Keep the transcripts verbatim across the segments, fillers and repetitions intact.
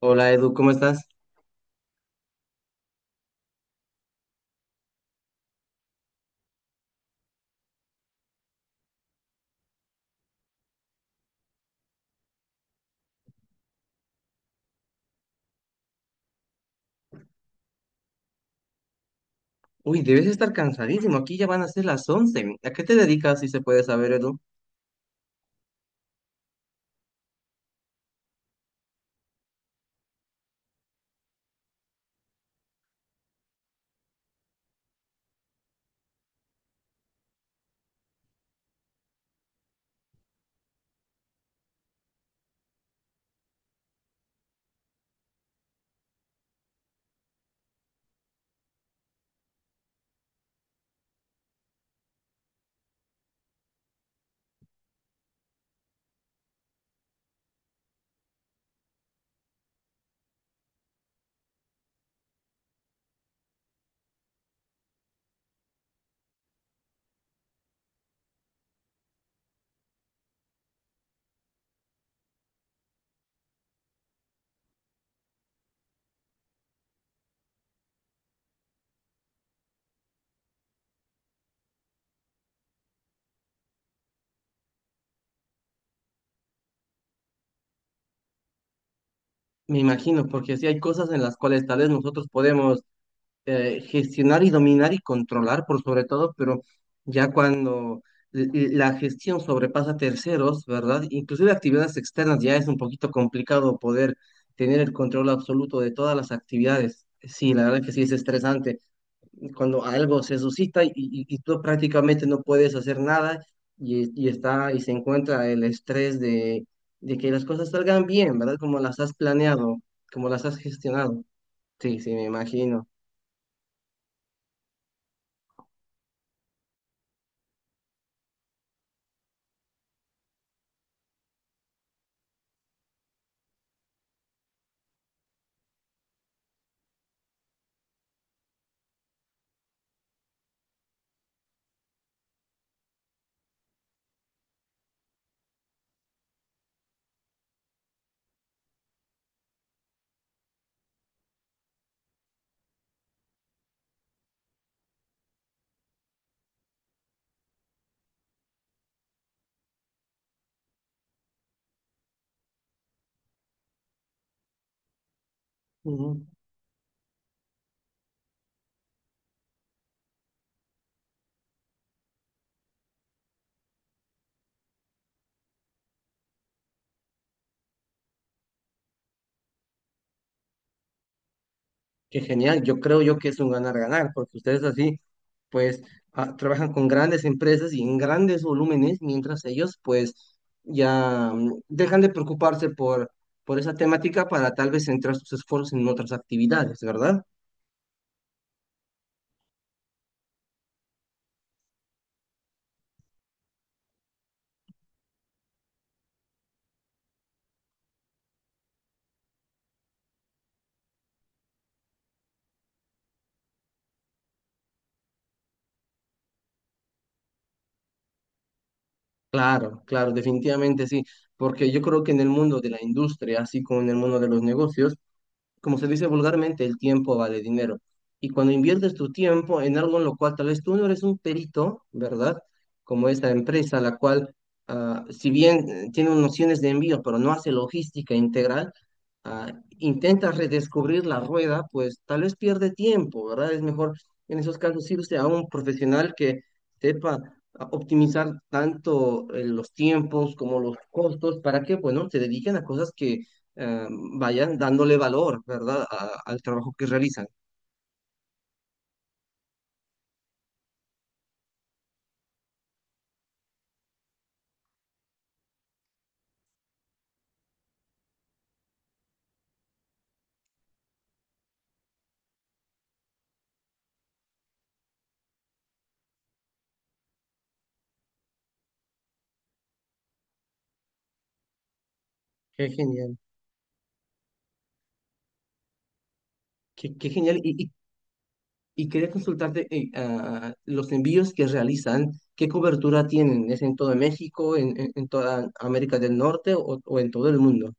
Hola Edu, ¿cómo estás? Uy, debes estar cansadísimo, aquí ya van a ser las once. ¿A qué te dedicas, si se puede saber, Edu? Me imagino, porque sí hay cosas en las cuales tal vez nosotros podemos eh, gestionar y dominar y controlar, por sobre todo, pero ya cuando l- l- la gestión sobrepasa terceros, ¿verdad? Inclusive actividades externas ya es un poquito complicado poder tener el control absoluto de todas las actividades. Sí, la verdad que sí es estresante. Cuando algo se suscita y, y- y tú prácticamente no puedes hacer nada y, y está y se encuentra el estrés de, de que las cosas salgan bien, ¿verdad? Como las has planeado, como las has gestionado. Sí, sí, me imagino. Ujú. Qué genial. Yo creo yo que es un ganar-ganar, porque ustedes así, pues, ah, trabajan con grandes empresas y en grandes volúmenes, mientras ellos, pues, ya mm, dejan de preocuparse por, por esa temática para tal vez centrar sus esfuerzos en otras actividades, ¿verdad? Claro, claro, definitivamente sí, porque yo creo que en el mundo de la industria, así como en el mundo de los negocios, como se dice vulgarmente, el tiempo vale dinero. Y cuando inviertes tu tiempo en algo en lo cual tal vez tú no eres un perito, ¿verdad? Como esta empresa, la cual, ah, si bien eh, tiene nociones de envío, pero no hace logística integral, ah, intenta redescubrir la rueda, pues tal vez pierde tiempo, ¿verdad? Es mejor en esos casos irse a un profesional que sepa ah, optimizar tanto eh, los tiempos como los costos. Para que, bueno, se dediquen a cosas que eh, vayan dándole valor, ¿verdad?, a- al trabajo que realizan. Qué genial, qué, qué genial. Y, y- y quería consultarte, eh, ah, los envíos que realizan, ¿qué cobertura tienen? ¿Es en todo México, en, en- en toda América del Norte o, o en todo el mundo?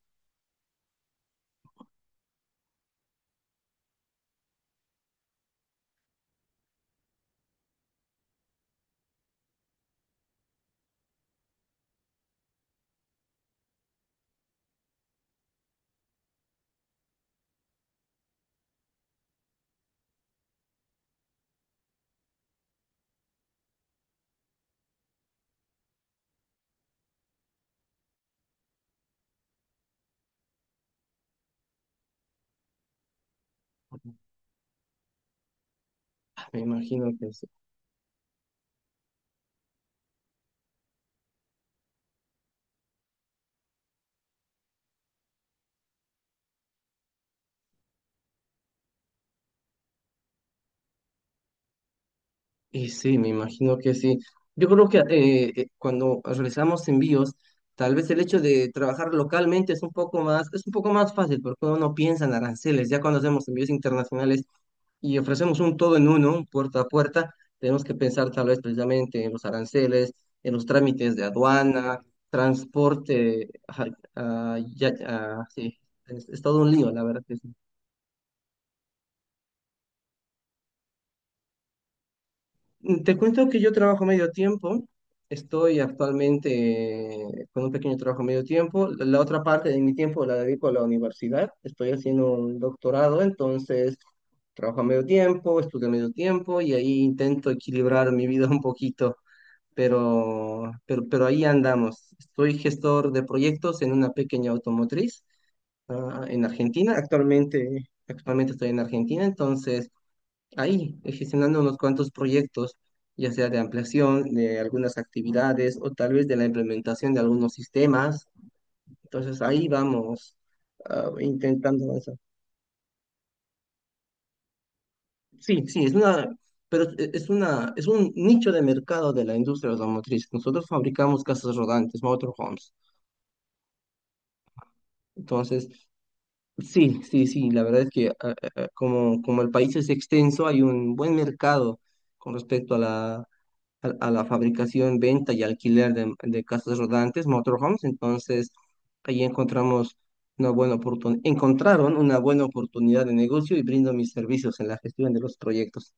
Ah, Me imagino que… Y sí, me imagino que sí. Yo creo que eh, eh, cuando realizamos envíos, tal vez el hecho de trabajar localmente es un poco más, es un poco más fácil porque uno no piensa en aranceles. Ya cuando hacemos envíos internacionales y ofrecemos un todo en uno, un puerta a puerta, tenemos que pensar tal vez precisamente en los aranceles, en los trámites de aduana, transporte. Ajá, ah, ya, ah, sí, es, es todo un lío, la verdad. Mm, Te cuento que yo trabajo medio tiempo. Estoy actualmente eh, con un pequeño trabajo medio tiempo. La la otra parte de mi tiempo la dedico a la universidad. Estoy haciendo un doctorado, entonces trabajo a medio tiempo, estudio a medio tiempo y ahí intento equilibrar mi vida un poquito. Pero, pero, pero ahí andamos. Soy gestor de proyectos en una pequeña automotriz, ah, en Argentina. Actualmente, actualmente estoy en Argentina, entonces ahí, eh, gestionando unos cuantos proyectos, ya sea de ampliación de algunas actividades o tal vez de la implementación de algunos sistemas. Entonces ahí vamos ah, intentando avanzar. Sí, sí, es una, pero e- es una, es un nicho de mercado de la industria automotriz. Nosotros fabricamos casas rodantes, motorhomes. Entonces, sí, sí, sí, la verdad es que ah, ah, ah, como, como el país es extenso, hay un buen mercado con respecto a la a, a la fabricación, venta y alquiler de, de casas rodantes, motorhomes. Entonces, ahí encontramos una buena oportunidad, encontraron una buena oportunidad de negocio y brindo mis servicios en la gestión de los proyectos.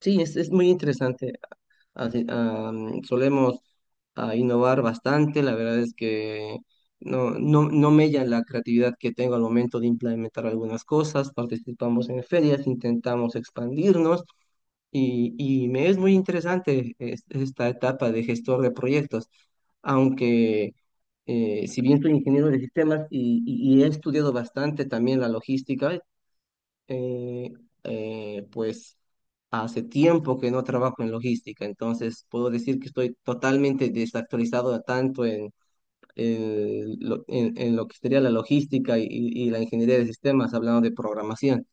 Sí, es, es muy interesante. Así, am, solemos ah, innovar bastante, la verdad es que... No, no, no mella la creatividad que tengo al momento de implementar algunas cosas, participamos en ferias, intentamos expandirnos. Y, y me es muy interesante es- esta etapa de gestor de proyectos, aunque eh, si bien soy ingeniero de sistemas y, y- y he estudiado bastante también la logística, eh, eh, pues hace tiempo que no trabajo en logística, entonces puedo decir que estoy totalmente desactualizado tanto eh, lo- en, en lo que sería la logística y, y- y la ingeniería de sistemas, hablando de programación.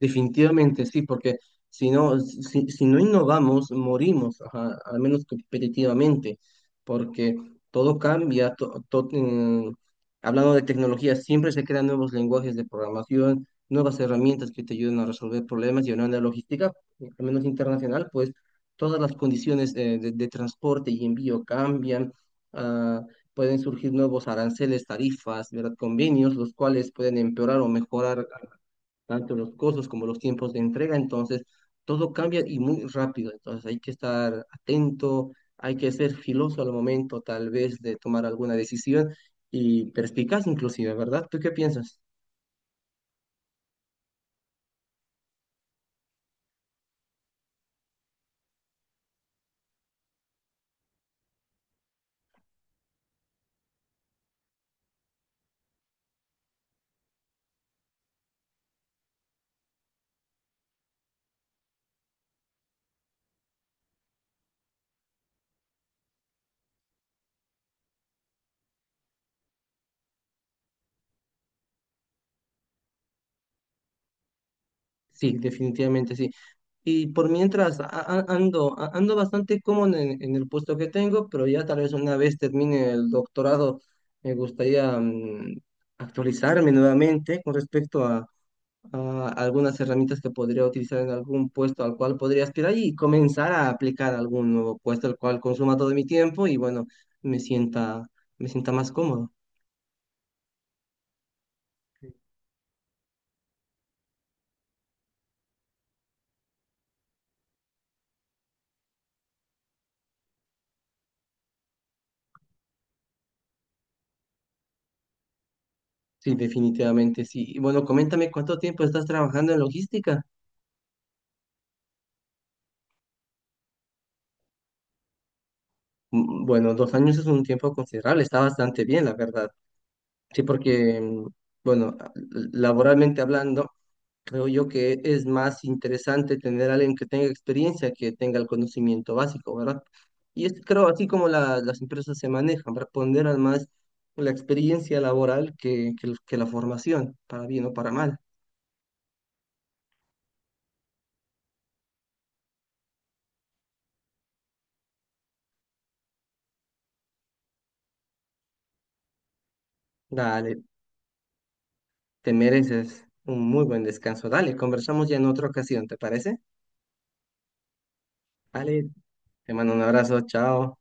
Definitivamente sí, porque si no, si, si no innovamos, morimos, ajá, al menos competitivamente, porque todo cambia. to- to- mm, hablando de tecnología, siempre se crean nuevos lenguajes de programación, nuevas herramientas que te ayudan a resolver problemas, y hablando de logística, al menos internacional, pues todas las condiciones eh, de, de transporte y envío cambian. ah, pueden surgir nuevos aranceles, tarifas, ¿verdad? Convenios, los cuales pueden empeorar o mejorar tanto los costos como los tiempos de entrega. Entonces todo cambia y muy rápido, entonces hay que estar atento, hay que ser filoso al momento tal vez de tomar alguna decisión y perspicaz inclusive, ¿verdad? ¿Tú qué piensas? Sí, definitivamente sí. Y por mientras a- a- ando, a- ando bastante cómodo en, en el puesto que tengo, pero ya tal vez una vez termine el doctorado, me gustaría mm, actualizarme nuevamente con respecto a ah, algunas herramientas que podría utilizar en algún puesto al cual podría aspirar y comenzar a aplicar algún nuevo puesto al cual consuma todo mi tiempo y bueno, me sienta, me sienta más cómodo. Sí, definitivamente sí. Y bueno, coméntame cuánto tiempo estás trabajando en logística. Mm, Bueno, dos años es un tiempo considerable, está bastante bien, la verdad. Sí, porque, mm, bueno, a- laboralmente hablando, creo yo que es más interesante tener a alguien que tenga experiencia que tenga el conocimiento básico, ¿verdad? Y es, creo, así como la- las empresas se manejan, para ponderan más la experiencia laboral que, que el- que la formación, para bien o para mal. Dale, te mereces un muy buen descanso. Dale, conversamos ya en otra ocasión, ¿te parece? Dale, te mando un abrazo, chao.